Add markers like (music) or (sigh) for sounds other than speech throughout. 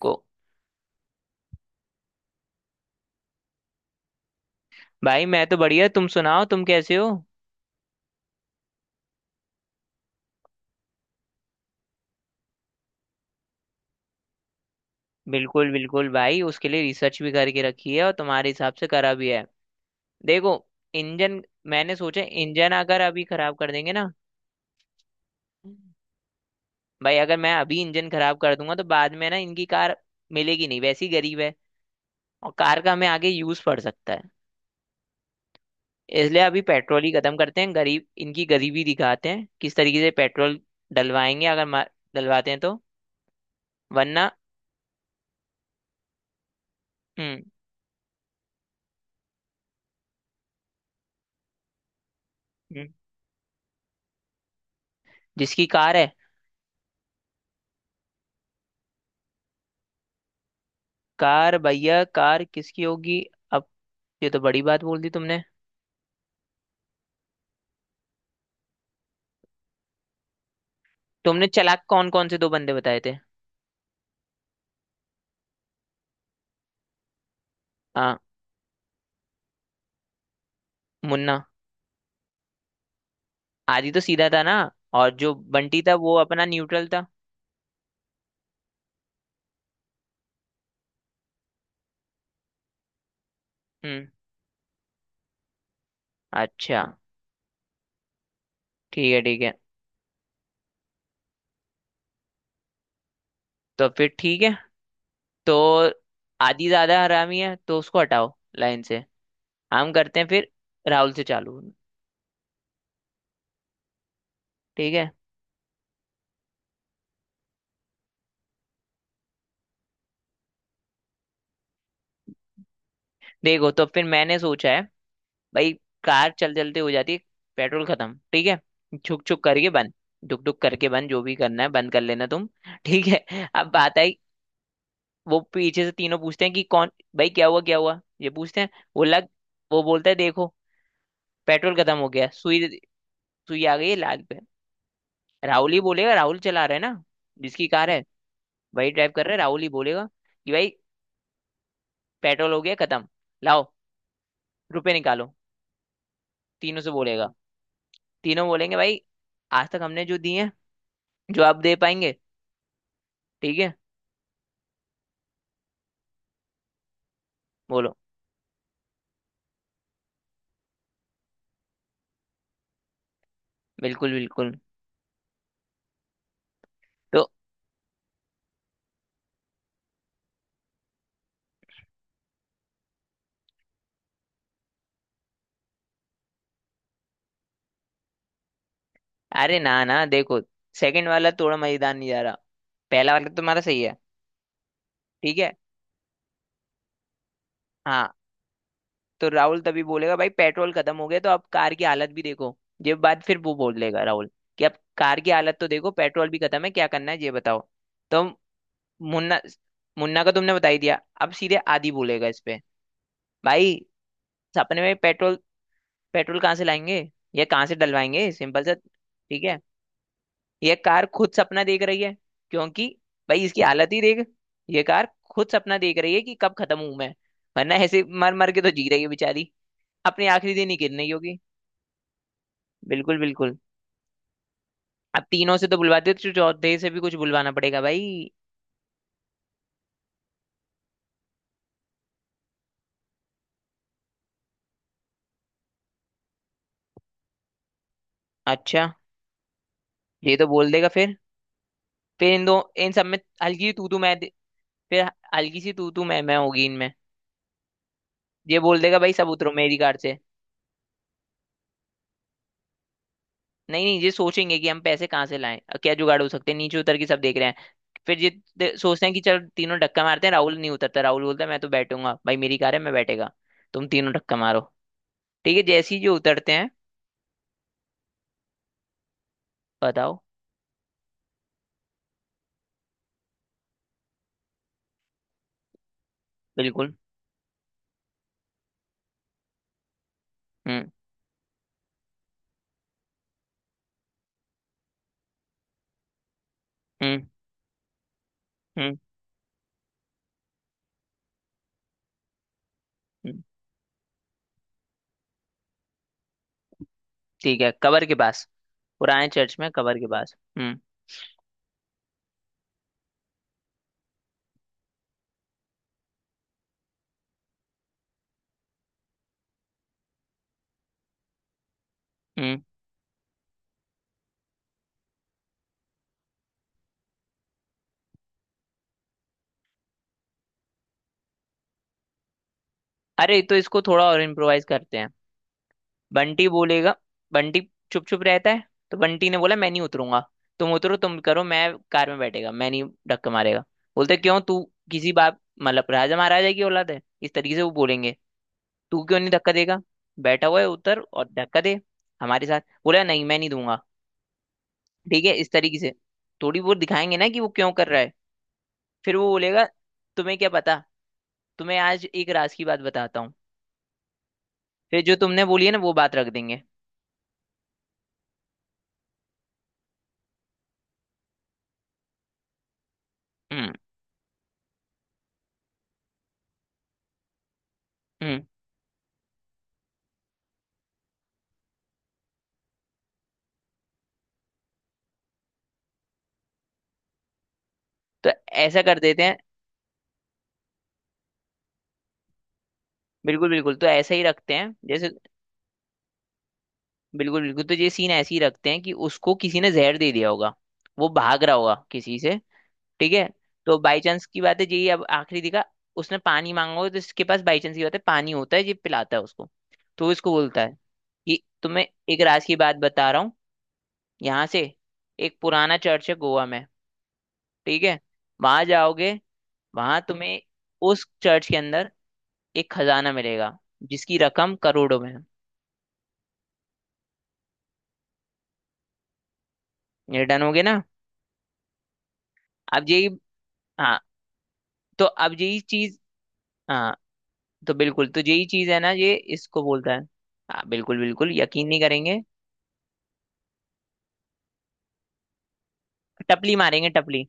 को भाई, मैं तो बढ़िया। तुम सुनाओ, तुम कैसे हो? बिल्कुल बिल्कुल भाई, उसके लिए रिसर्च भी करके रखी है और तुम्हारे हिसाब से करा भी है। देखो, इंजन, मैंने सोचा इंजन अगर अभी खराब कर देंगे ना। भाई अगर मैं अभी इंजन खराब कर दूंगा तो बाद में ना, इनकी कार मिलेगी नहीं, वैसी गरीब है। और कार का हमें आगे यूज पड़ सकता है। इसलिए अभी पेट्रोल ही खत्म करते हैं, गरीब इनकी गरीबी दिखाते हैं, किस तरीके से पेट्रोल डलवाएंगे। अगर डलवाते हैं तो, वरना। हम्म, हम्म। जिसकी कार है। कार, भैया, कार किसकी होगी अब? ये तो बड़ी बात बोल दी तुमने। तुमने चालाक कौन कौन से दो बंदे बताए थे? हाँ, मुन्ना। आदि तो सीधा था ना? और जो बंटी था वो अपना न्यूट्रल था। हम्म, अच्छा। ठीक है, ठीक है। तो फिर ठीक है तो, आदि ज्यादा हरामी है तो उसको हटाओ लाइन से। हम करते हैं फिर राहुल से चालू। ठीक है। देखो, तो फिर मैंने सोचा है भाई, कार चल चलते हो जाती है, पेट्रोल खत्म, ठीक है। छुक छुक करके बंद, डुक डुक करके बंद, जो भी करना है बंद कर लेना तुम (laughs) ठीक है, अब बात आई। वो पीछे से तीनों पूछते हैं कि कौन भाई, क्या हुआ क्या हुआ, ये पूछते हैं। वो लग वो बोलता है, देखो, पेट्रोल खत्म हो गया, सुई, सुई आ गई है लाल पे। राहुल ही बोलेगा, राहुल चला रहा है ना। जिसकी कार है वही ड्राइव कर रहा है, राहुल ही बोलेगा कि भाई पेट्रोल हो गया खत्म, लाओ रुपए निकालो, तीनों से बोलेगा। तीनों बोलेंगे भाई आज तक हमने जो दिए हैं, जो आप दे पाएंगे, ठीक है। बोलो। बिल्कुल बिल्कुल, तो अरे ना ना, देखो सेकंड वाला थोड़ा मजेदार नहीं जा रहा, पहला वाला तो तुम्हारा सही है। ठीक है, हाँ। तो राहुल तभी बोलेगा, भाई पेट्रोल खत्म हो गया, तो अब कार की हालत भी देखो। ये बात फिर वो बोल लेगा, राहुल, कि अब कार की हालत तो देखो, पेट्रोल भी खत्म है, क्या करना है ये बताओ। तो मुन्ना, मुन्ना का तुमने बता ही दिया, अब सीधे आदि बोलेगा इस पे, भाई सपने में पेट्रोल? पेट्रोल कहाँ से लाएंगे या कहाँ से डलवाएंगे, सिंपल सा। ठीक है, ये कार खुद सपना देख रही है, क्योंकि भाई इसकी हालत ही देख, ये कार खुद सपना देख रही है कि कब खत्म हूं मैं। वरना ऐसे मर मर के तो जी रही है बेचारी, अपने आखिरी दिन ही गिरने ही होगी। बिल्कुल बिल्कुल। अब तीनों से तो बुलवाते, तो चौथे से भी कुछ बुलवाना पड़ेगा भाई। अच्छा, ये तो बोल देगा फिर इन सब में हल्की सी तू तू मैं, फिर हल्की सी तू तू मैं होगी इनमें। ये बोल देगा, भाई सब उतरो मेरी कार से। नहीं नहीं, ये सोचेंगे कि हम पैसे कहाँ से लाएं, क्या जुगाड़ हो सकते हैं, नीचे उतर के सब देख रहे हैं। फिर ये सोचते हैं कि चल तीनों धक्का मारते हैं, राहुल नहीं उतरता, राहुल बोलता है मैं तो बैठूंगा भाई, मेरी कार है, मैं बैठेगा, तुम तीनों धक्का मारो। ठीक है, जैसे ही जो उतरते हैं। बताओ। बिल्कुल। हम्म, हम्म, हम्म, हम्म। ठीक है, कबर के पास। पुराने चर्च में कबर के पास, हम्म। हम्म। अरे तो इसको थोड़ा और इम्प्रोवाइज करते हैं। बंटी बोलेगा, बंटी चुप चुप रहता है, तो बंटी ने बोला मैं नहीं उतरूंगा, तुम उतरो तुम करो, मैं कार में बैठेगा, मैं नहीं धक्का मारेगा। बोलते क्यों तू, किसी बाप, मतलब राजा महाराजा की औलाद है, इस तरीके से वो बोलेंगे। तू क्यों नहीं धक्का देगा? बैठा हुआ है, उतर और धक्का दे हमारे साथ। बोला नहीं, मैं नहीं दूंगा, ठीक है, इस तरीके से थोड़ी वो दिखाएंगे ना कि वो क्यों कर रहा है। फिर वो बोलेगा, तुम्हें क्या पता, तुम्हें आज एक राज की बात बताता हूँ। फिर जो तुमने बोली है ना वो बात रख देंगे। हम्म, हम्म। तो ऐसा कर देते हैं। बिल्कुल बिल्कुल, तो ऐसे ही रखते हैं जैसे, बिल्कुल बिल्कुल, तो ये सीन ऐसे ही रखते हैं कि उसको किसी ने जहर दे दिया होगा, वो भाग रहा होगा किसी से। ठीक है। तो बाई चांस की बात है, यही अब आखिरी दिखा, उसने पानी मांगा होगा, तो इसके पास बाई चांस की बात है पानी होता है, ये पिलाता है उसको। तो वो इसको बोलता है कि तुम्हें एक राज की बात बता रहा हूँ, यहाँ से एक पुराना चर्च है गोवा में, ठीक है, वहां जाओगे, वहां तुम्हें उस चर्च के अंदर एक खजाना मिलेगा, जिसकी रकम करोड़ों में है। ये डन हो गया ना। अब यही, हाँ, तो अब यही चीज, हाँ, तो बिल्कुल, तो यही चीज है ना, ये इसको बोलता है। हाँ बिल्कुल बिल्कुल, यकीन नहीं करेंगे। टपली मारेंगे, टपली।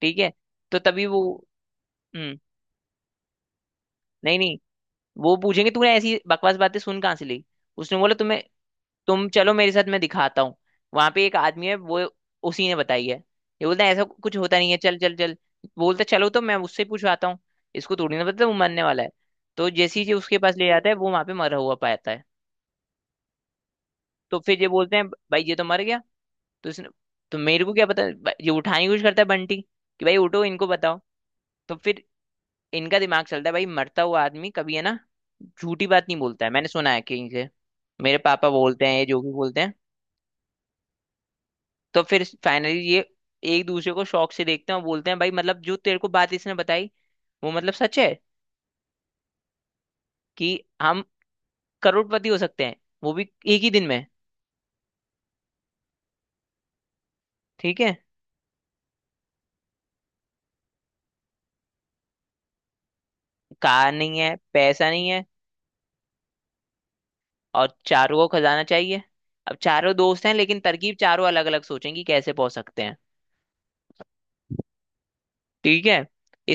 ठीक है, तो तभी वो, हम्म, नहीं नहीं, वो पूछेंगे तूने ऐसी बकवास बातें सुन कहाँ से ली? उसने बोला तुम्हें, तुम चलो मेरे साथ मैं दिखाता हूँ, वहां पे एक आदमी है वो, उसी ने बताई है। ये बोलता है ऐसा कुछ होता नहीं है, चल चल चल। बोलता चलो तो मैं उससे पूछवाता हूँ। इसको थोड़ी ना पता वो मरने वाला है। तो जैसी जी उसके पास ले जाता है, वो वहां पे मरा हुआ पाता है। तो फिर ये बोलते हैं भाई ये तो मर गया, तो इसने, तो मेरे को क्या पता भाई, ये उठाने की कोशिश करता है बंटी, कि भाई उठो इनको बताओ। तो फिर इनका दिमाग चलता है, भाई मरता हुआ आदमी कभी, है ना, झूठी बात नहीं बोलता है, मैंने सुना है कहीं से, मेरे पापा बोलते हैं, ये जो भी बोलते हैं। तो फिर फाइनली ये एक दूसरे को शौक से देखते हैं और बोलते हैं, भाई मतलब जो तेरे को बात इसने बताई, वो मतलब सच है, कि हम करोड़पति हो सकते हैं, वो भी एक ही दिन में। ठीक है। कार नहीं है, पैसा नहीं है, और चारों को खजाना चाहिए। अब चारों दोस्त हैं लेकिन तरकीब चारों अलग अलग सोचेंगी, कैसे पहुंच सकते हैं। ठीक है,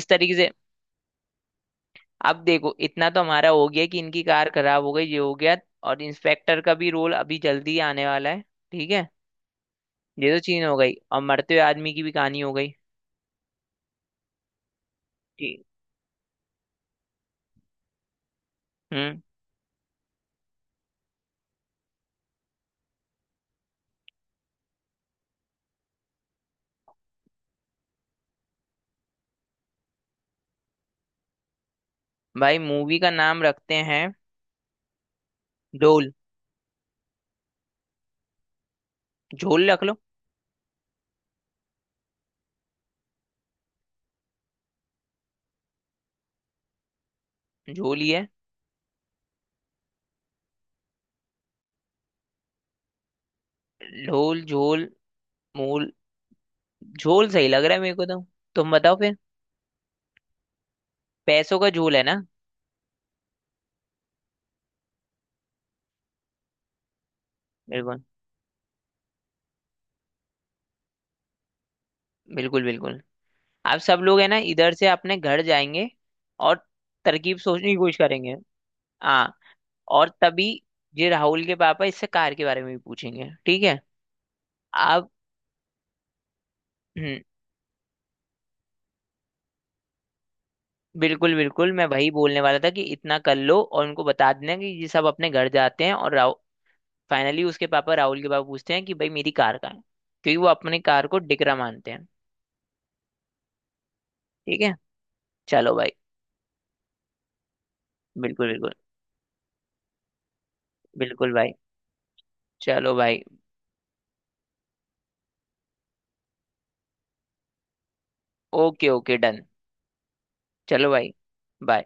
इस तरीके से। अब देखो इतना तो हमारा हो गया कि इनकी कार खराब हो गई, ये हो गया। और इंस्पेक्टर का भी रोल अभी जल्दी ही आने वाला है। ठीक है, ये तो चीज हो गई, और मरते हुए आदमी की भी कहानी हो गई। ठीक। हम्म। भाई मूवी का नाम रखते हैं ढोल। झोल रख लो। झोल ही है। ढोल, झोल, मूल, झोल सही लग रहा है मेरे को तो। तुम बताओ फिर। पैसों का झोल है ना। बिल्कुल बिल्कुल बिल्कुल। आप सब लोग है ना इधर से अपने घर जाएंगे, और तरकीब सोचने की कोशिश करेंगे। हाँ, और तभी ये राहुल के पापा इससे कार के बारे में भी पूछेंगे, ठीक है। आप, हम्म। बिल्कुल बिल्कुल, मैं वही बोलने वाला था कि इतना कर लो और उनको बता देना कि ये सब अपने घर जाते हैं, और राहुल फाइनली उसके पापा, राहुल के पापा, पूछते हैं कि भाई मेरी कार कहाँ है, क्योंकि वो अपनी कार को डिकरा मानते हैं। ठीक है, चलो भाई। बिल्कुल बिल्कुल। बिल्कुल भाई, चलो भाई। Okay okay, done. चलो भाई। बाय।